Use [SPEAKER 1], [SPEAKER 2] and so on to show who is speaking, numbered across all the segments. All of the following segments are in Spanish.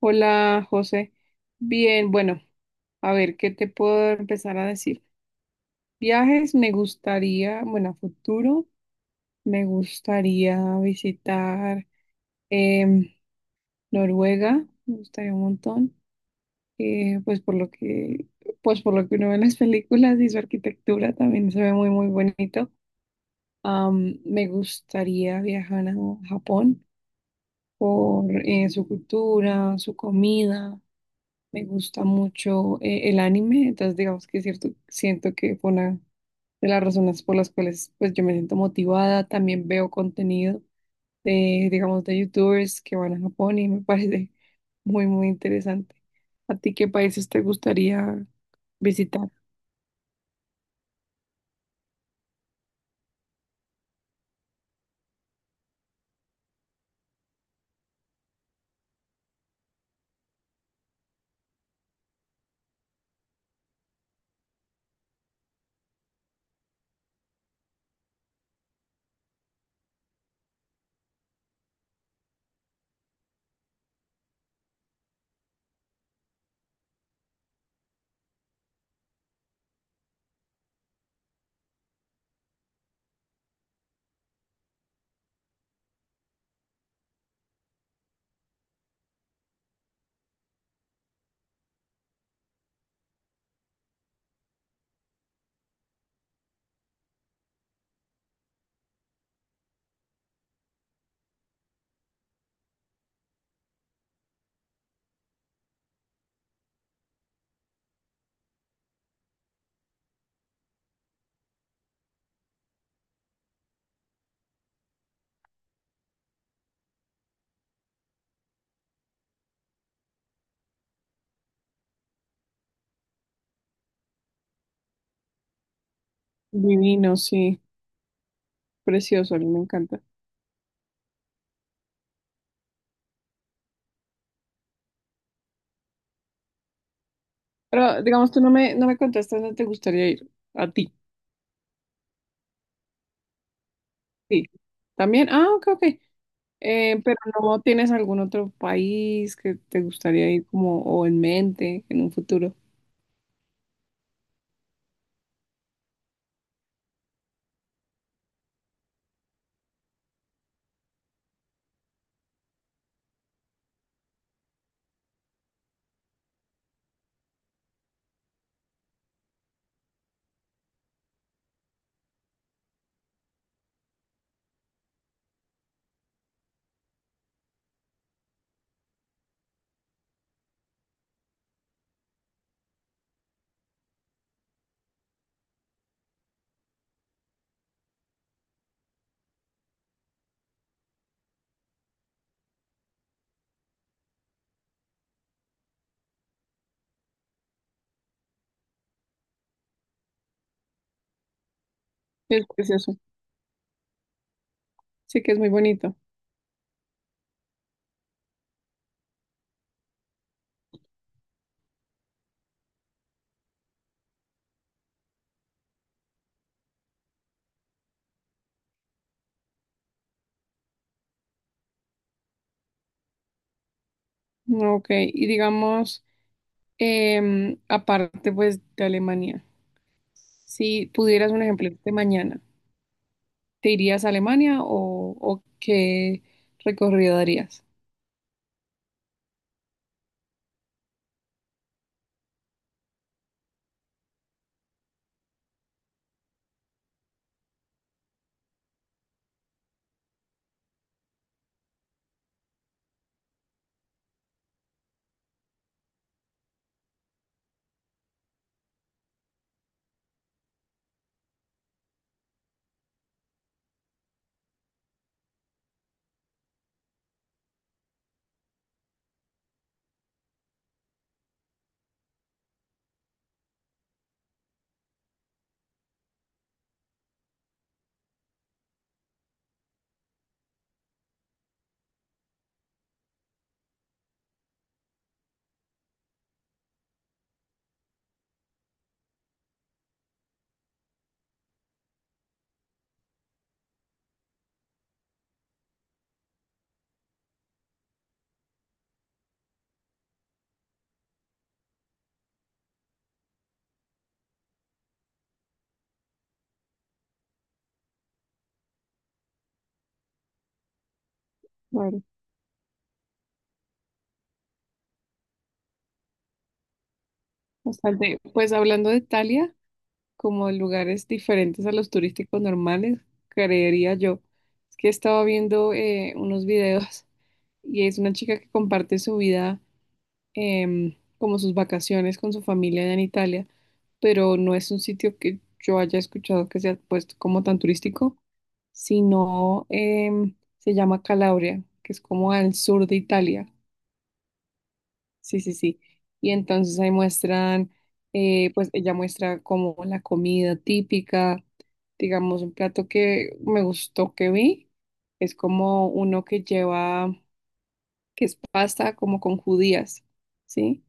[SPEAKER 1] Hola, José. Bien, bueno, a ver, ¿qué te puedo empezar a decir? Viajes, me gustaría, bueno, a futuro, me gustaría visitar em, Noruega, me gustaría un montón, eh, pues por lo que, pues por lo que uno ve en las películas y su arquitectura también se ve muy, muy bonito. Me gustaría viajar a Japón por su cultura, su comida. Me gusta mucho el anime, entonces digamos que cierto, siento que fue una de las razones por las cuales pues yo me siento motivada. También veo contenido de, digamos, de youtubers que van a Japón y me parece muy, muy interesante. ¿A ti qué países te gustaría visitar? Divino, sí, precioso, a mí me encanta. Pero digamos, tú no me, no me contestas dónde te gustaría ir. A ti, sí. También, ah, ok, ok. Pero no tienes algún otro país que te gustaría ir como o en mente en un futuro. Es precioso. Sí que es muy bonito. Ok, y digamos, aparte pues de Alemania, si pudieras un ejemplo de mañana, ¿te irías a Alemania o qué recorrido darías? Claro. Bastante. Pues hablando de Italia, como lugares diferentes a los turísticos normales, creería yo. Es que estaba viendo unos videos y es una chica que comparte su vida, como sus vacaciones con su familia allá en Italia, pero no es un sitio que yo haya escuchado que sea puesto como tan turístico, sino se llama Calabria, que es como al sur de Italia. Sí, sí, sí. Y entonces ahí muestran, pues ella muestra como la comida típica, digamos, un plato que me gustó que vi, es como uno que lleva, que es pasta como con judías, ¿sí?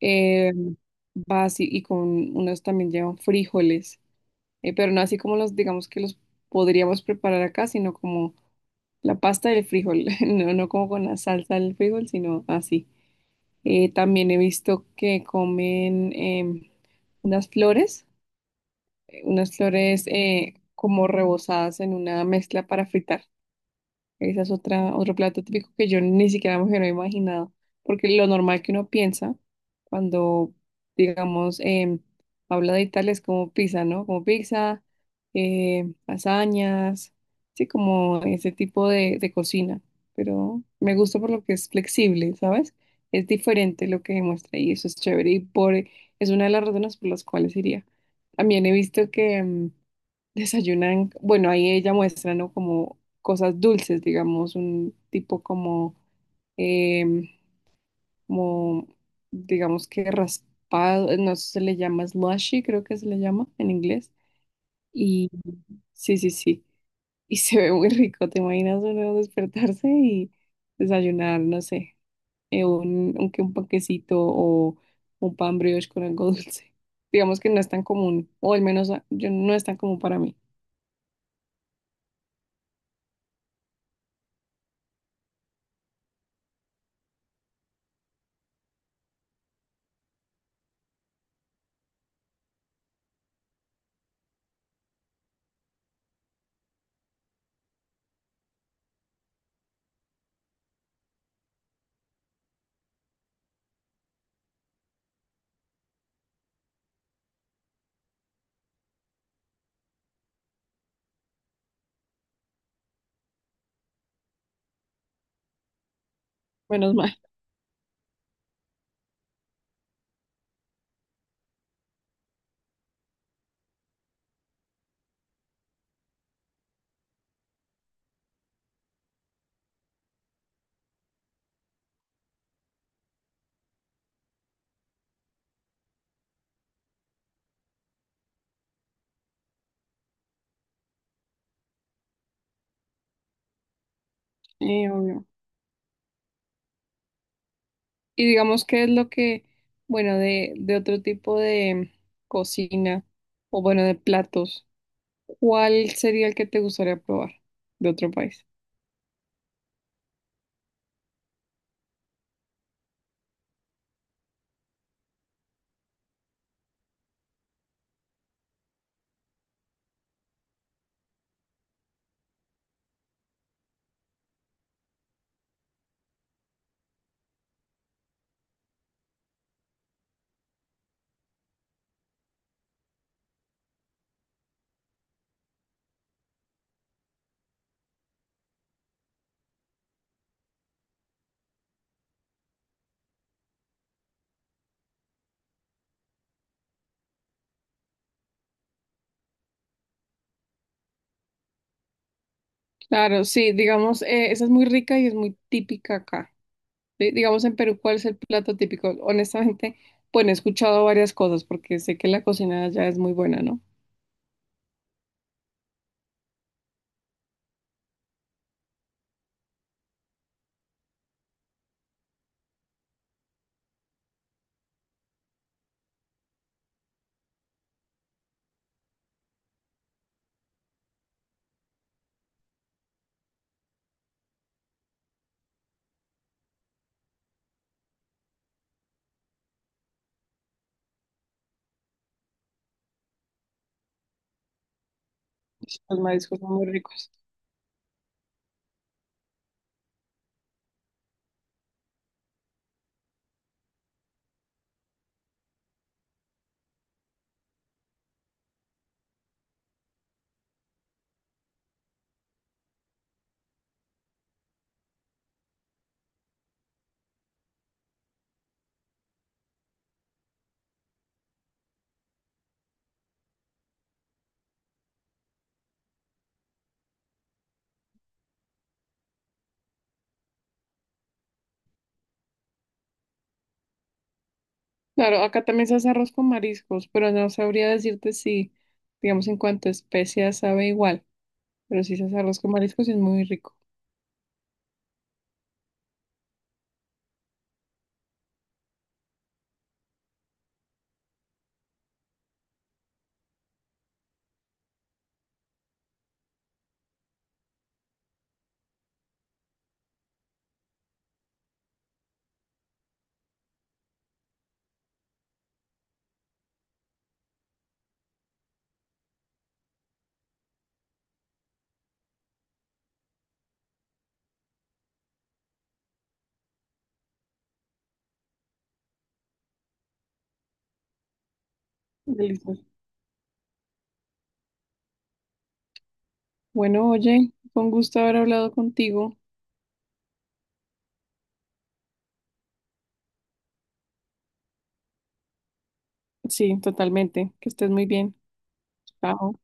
[SPEAKER 1] Eh, va así y con unos también llevan frijoles, pero no así como los, digamos que los podríamos preparar acá, sino como la pasta del frijol, no, no como con la salsa del frijol, sino así. También he visto que comen unas flores, unas flores como rebozadas en una mezcla para fritar. Esa es otra, otro plato típico que yo ni siquiera me hubiera imaginado, porque lo normal que uno piensa cuando, digamos, habla de Italia es como pizza, ¿no? Como pizza, lasañas, sí, como ese tipo de cocina, pero me gusta por lo que es flexible, ¿sabes? Es diferente lo que demuestra y eso es chévere y por, es una de las razones por las cuales iría. También he visto que desayunan, bueno, ahí ella muestra, ¿no? Como cosas dulces, digamos, un tipo como, em, como digamos que raspado, no sé, se le llama slushy, creo que se le llama en inglés. Y sí, sí, sí. Y se ve muy rico, ¿te imaginas uno despertarse y desayunar, no sé, que un panquecito o un pan brioche con algo dulce? Digamos que no es tan común, o al menos ah, yo no es tan común para mí. Menos mal. Obvio. Y digamos que es lo que, bueno, de otro tipo de cocina o bueno, de platos, ¿cuál sería el que te gustaría probar de otro país? Claro, sí, digamos, esa es muy rica y es muy típica acá. Di- digamos en Perú, ¿cuál es el plato típico? Honestamente, bueno, he escuchado varias cosas porque sé que la cocina allá es muy buena, ¿no? Los mariscos son muy ricos. Claro, acá también se hace arroz con mariscos, pero no sabría decirte si, digamos, en cuanto a especias sabe igual. Pero sí, ese arroz con mariscos es muy rico. Delicioso. Bueno, oye, fue un gusto haber hablado contigo. Sí, totalmente. Que estés muy bien. Chao.